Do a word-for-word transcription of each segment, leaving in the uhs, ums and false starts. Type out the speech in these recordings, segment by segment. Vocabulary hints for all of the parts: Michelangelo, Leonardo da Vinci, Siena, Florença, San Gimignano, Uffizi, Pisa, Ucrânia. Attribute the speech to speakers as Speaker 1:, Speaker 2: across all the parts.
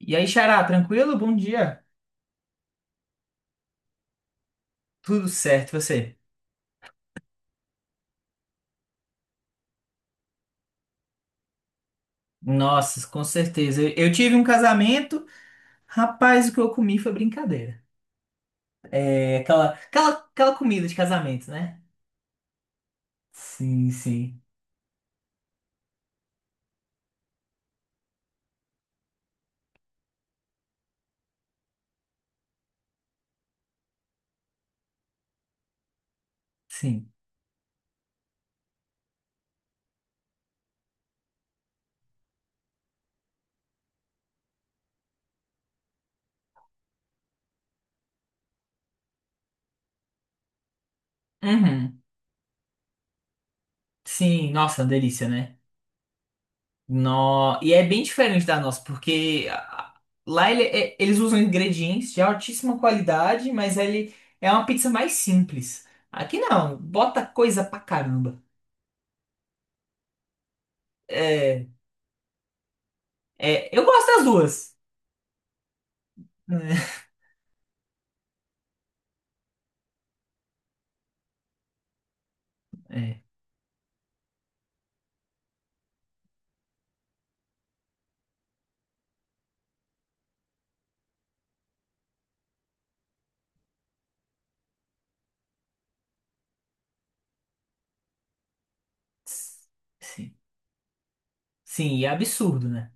Speaker 1: E aí, Xará, tranquilo? Bom dia. Tudo certo, e você? Nossa, com certeza. Eu, eu tive um casamento, rapaz, o que eu comi foi brincadeira. É aquela, aquela, aquela comida de casamento, né? Sim, sim, sim. Uhum. Sim, nossa, delícia, né? No... E é bem diferente da nossa, porque ah, lá ele- é- eles usam ingredientes de altíssima qualidade, mas ele é uma pizza mais simples. Aqui não, bota coisa pra caramba. É, é, eu gosto das duas. É, é, sim. Sim, e é absurdo, né?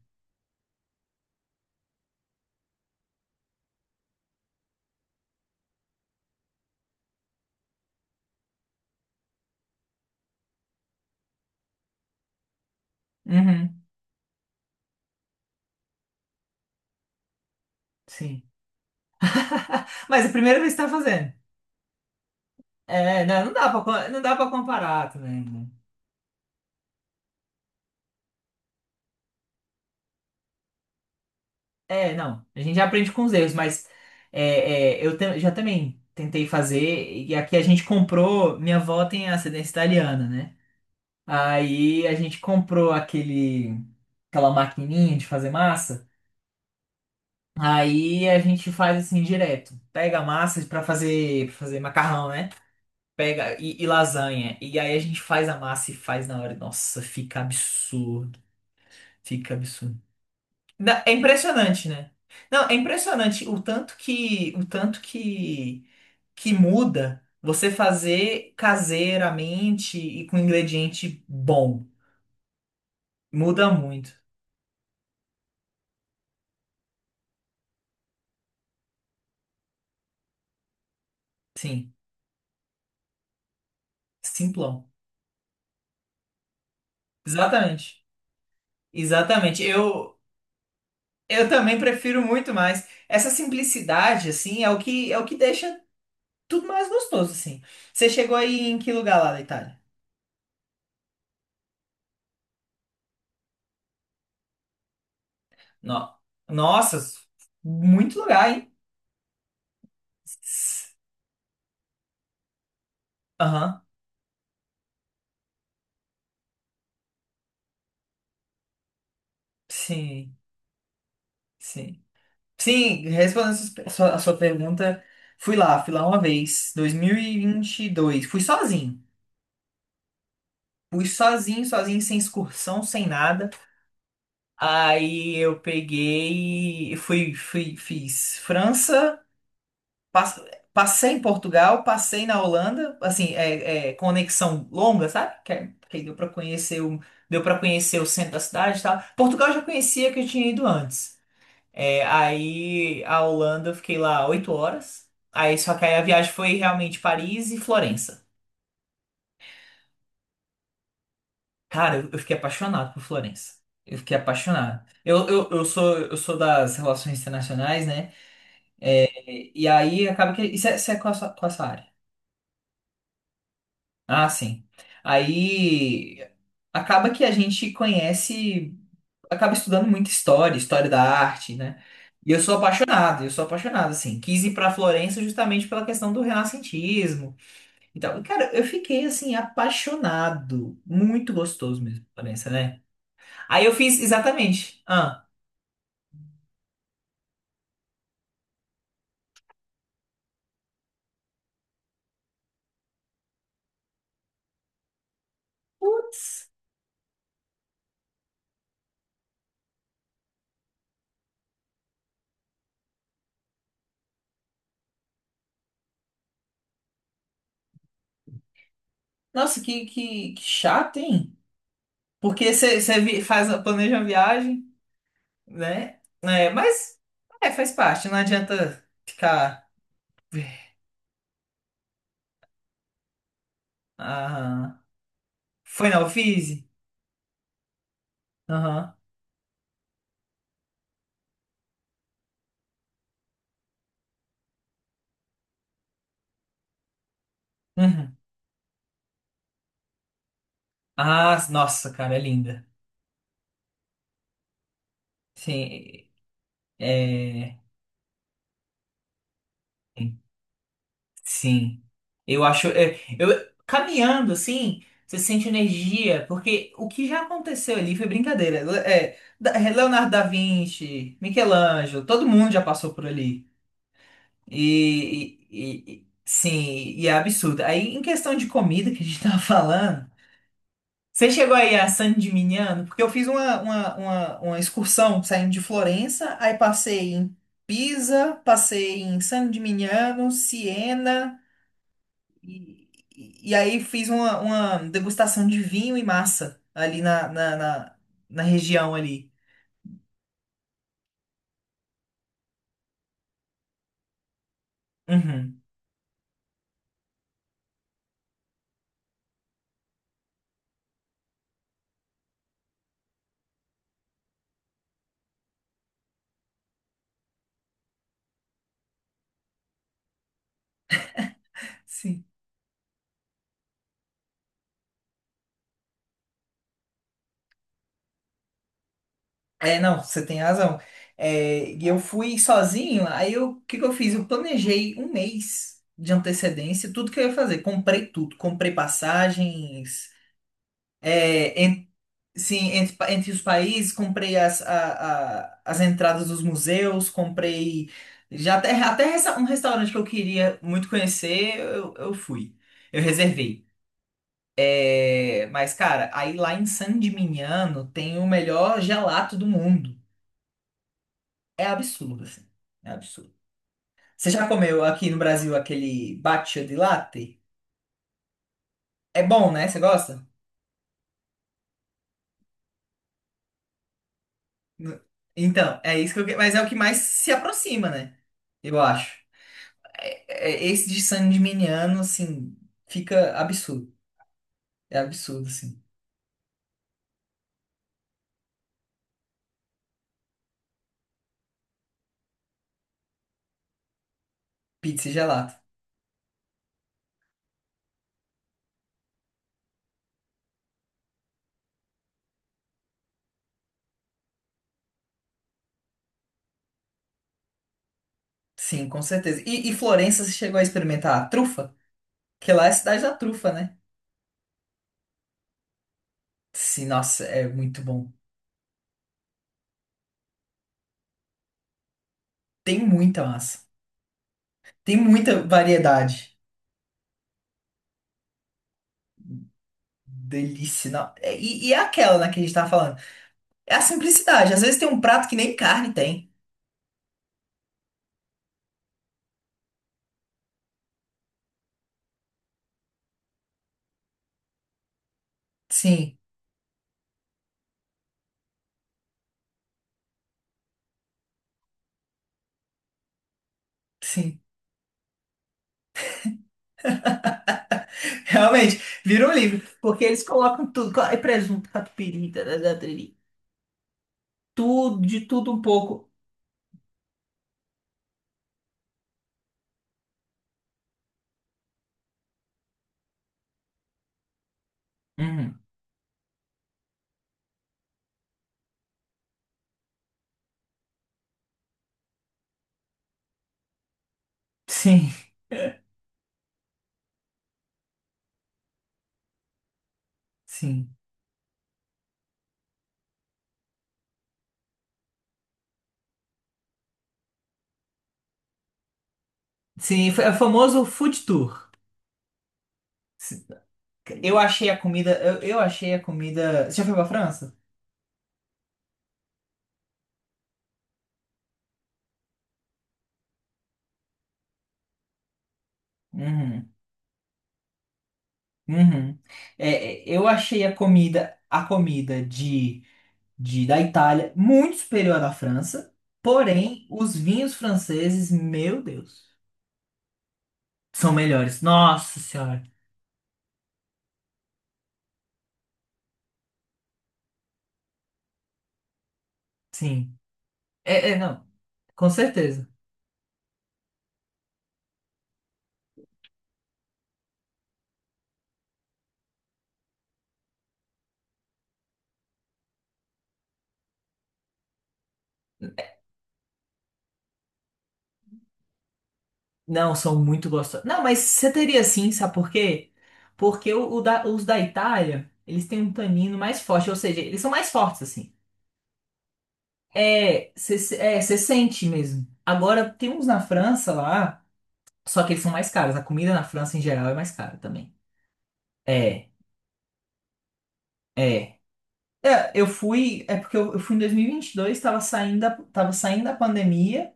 Speaker 1: Uhum. Sim. Mas é a primeira vez que tá fazendo. É, não, não dá pra, co- não dá pra comparar também, né? É, não. A gente já aprende com os erros, mas é, é, eu te- já também tentei fazer. E aqui a gente comprou. Minha avó tem ascendência italiana, né? Aí a gente comprou aquele, aquela maquininha de fazer massa. Aí a gente faz assim direto. Pega a massa pra fazer, pra fazer macarrão, né? Pega e, e lasanha. E aí a gente faz a massa e faz na hora. Nossa, fica absurdo. Fica absurdo. Na- é impressionante, né? Não, é impressionante o tanto que o tanto que que muda você fazer caseiramente e com ingrediente bom. Muda muito. Sim, simplão. Exatamente. Exatamente. Eu eu também prefiro muito mais. Essa simplicidade assim é o que é o que deixa tudo mais gostoso, assim. Você chegou aí em que lugar lá da Itália? No- Nossa, muito lugar, hein? S- Aham, Sim, sim. Sim, respondendo sus- a sua, a sua pergunta, fui lá, fui lá uma vez, dois mil e e vinte e dois. Fui sozinho. Fui sozinho, sozinho, sem excursão, sem nada. Aí eu peguei, fui, fui, fiz França, Pass- Passei em Portugal, passei na Holanda, assim, é, é, conexão longa, sabe? Que, é- que deu para conhecer o, deu para conhecer o centro da cidade e tal. Portugal eu já conhecia que eu tinha ido antes. É, aí a Holanda eu fiquei lá oito horas. Aí só que aí a viagem foi realmente Paris e Florença. Cara, eu, eu fiquei apaixonado por Florença. Eu fiquei apaixonado. Eu, eu, eu sou eu sou das relações internacionais, né? E, e aí acaba que isso é, isso é Qual a sua, qual a sua área? Ah, sim. Aí acaba que a gente conhece, acaba estudando muita história, história da arte, né? E eu sou apaixonado, eu sou apaixonado, assim. Quis ir pra Florença justamente pela questão do renascentismo e tal. Cara, eu fiquei, assim, apaixonado. Muito gostoso mesmo, Florença, né? Aí eu fiz exatamente. Ah, nossa, que, que, que chato, hein? Porque você faz, planeja uma viagem, né? É, mas é, faz parte, não adianta ficar. Aham. Foi na Uffizi? Aham. Uhum. Ah, nossa, cara, é linda. Sim, é... Sim. Eu acho... é, eu... Caminhando, assim, você sente energia, porque o que já aconteceu ali foi brincadeira. Le- É, da- Leonardo da Vinci, Michelangelo, todo mundo já passou por ali. E... e- e- e- Sim, e é absurdo. Aí, em questão de comida que a gente tava falando... Você chegou aí a San Gimignano? Porque eu fiz uma, uma, uma, uma excursão saindo de Florença, aí passei em Pisa, passei em San Gimignano, Siena, e, e e aí fiz uma, uma degustação de vinho e massa ali na, na, na, na região ali. Uhum. Sim. É, não, você tem razão. É, e eu fui sozinho, aí eu, o que que eu fiz? Eu planejei um mês de antecedência, tudo que eu ia fazer. Comprei tudo, comprei passagens. É, en- sim, Entre, pa- entre os países, comprei as, a- a- as entradas dos museus, comprei já até, até resta- um restaurante que eu queria muito conhecer, eu, eu fui. Eu reservei. É, mas, cara, aí lá em San Dimignano tem o melhor gelato do mundo. É absurdo, assim. É absurdo. Você já comeu aqui no Brasil aquele batida de latte? É bom, né? Você gosta? N- Então, é isso que eu... que- mas é o que mais se aproxima, né? Eu acho. É, esse de San Gimignano, assim, fica absurdo. É absurdo, assim. Pizza e gelato. Sim, com certeza. E, e Florença, você chegou a experimentar a trufa? Que lá é a cidade da trufa, né? Sim, nossa, é muito bom. Tem muita massa. Tem muita variedade. Delícia. Não. É, E, e é aquela, né, que a gente tava falando. É a simplicidade. Às vezes tem um prato que nem carne tem. Sim, sim. Realmente, vira um livro. Porque eles colocam tudo. co- É presunto, catupiry, tarará, tariri, tudo, de tudo um pouco. Uhum. Sim, sim. Sim, foi- é o famoso food tour. Eu achei a comida. Eu, eu achei a comida. Você já foi pra França? Uhum. Uhum. É, é, eu achei a comida, a comida de, de da Itália muito superior à da França. Porém, os vinhos franceses, meu Deus, são melhores. Nossa Senhora. Sim. É, é, não, com certeza. Não, são muito gostosos. Não, mas você teria sim, sabe por quê? Porque o, o da- os da Itália, eles têm um tanino mais forte, ou seja, eles são mais fortes, assim. É, você se- É, você sente mesmo. Agora, tem uns na França lá, só que eles são mais caros. A comida na França, em geral, é mais cara também. É, é. É, eu fui, é porque eu, eu fui em dois mil e vinte e dois, tava saindo, da- tava saindo da pandemia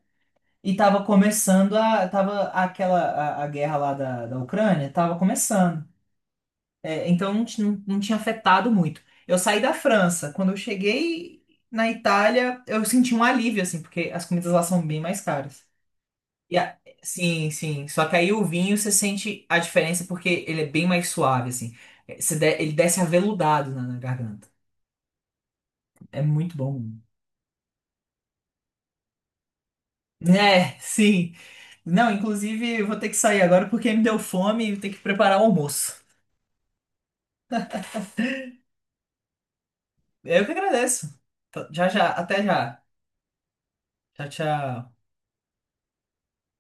Speaker 1: e tava começando a, tava aquela, a, a guerra lá da, da Ucrânia, tava começando. É, então não, ti- não, não tinha afetado muito. Eu saí da França. Quando eu cheguei na Itália, eu senti um alívio, assim, porque as comidas lá são bem mais caras. E a- sim, sim. Só que aí o vinho você sente a diferença porque ele é bem mais suave, assim. É, você de- ele desce aveludado na, na garganta. É muito bom. É, sim. Não, inclusive eu vou ter que sair agora porque me deu fome e eu tenho que preparar o almoço. Eu que agradeço. Tá, Já, já. Até já. Tchau, tchau.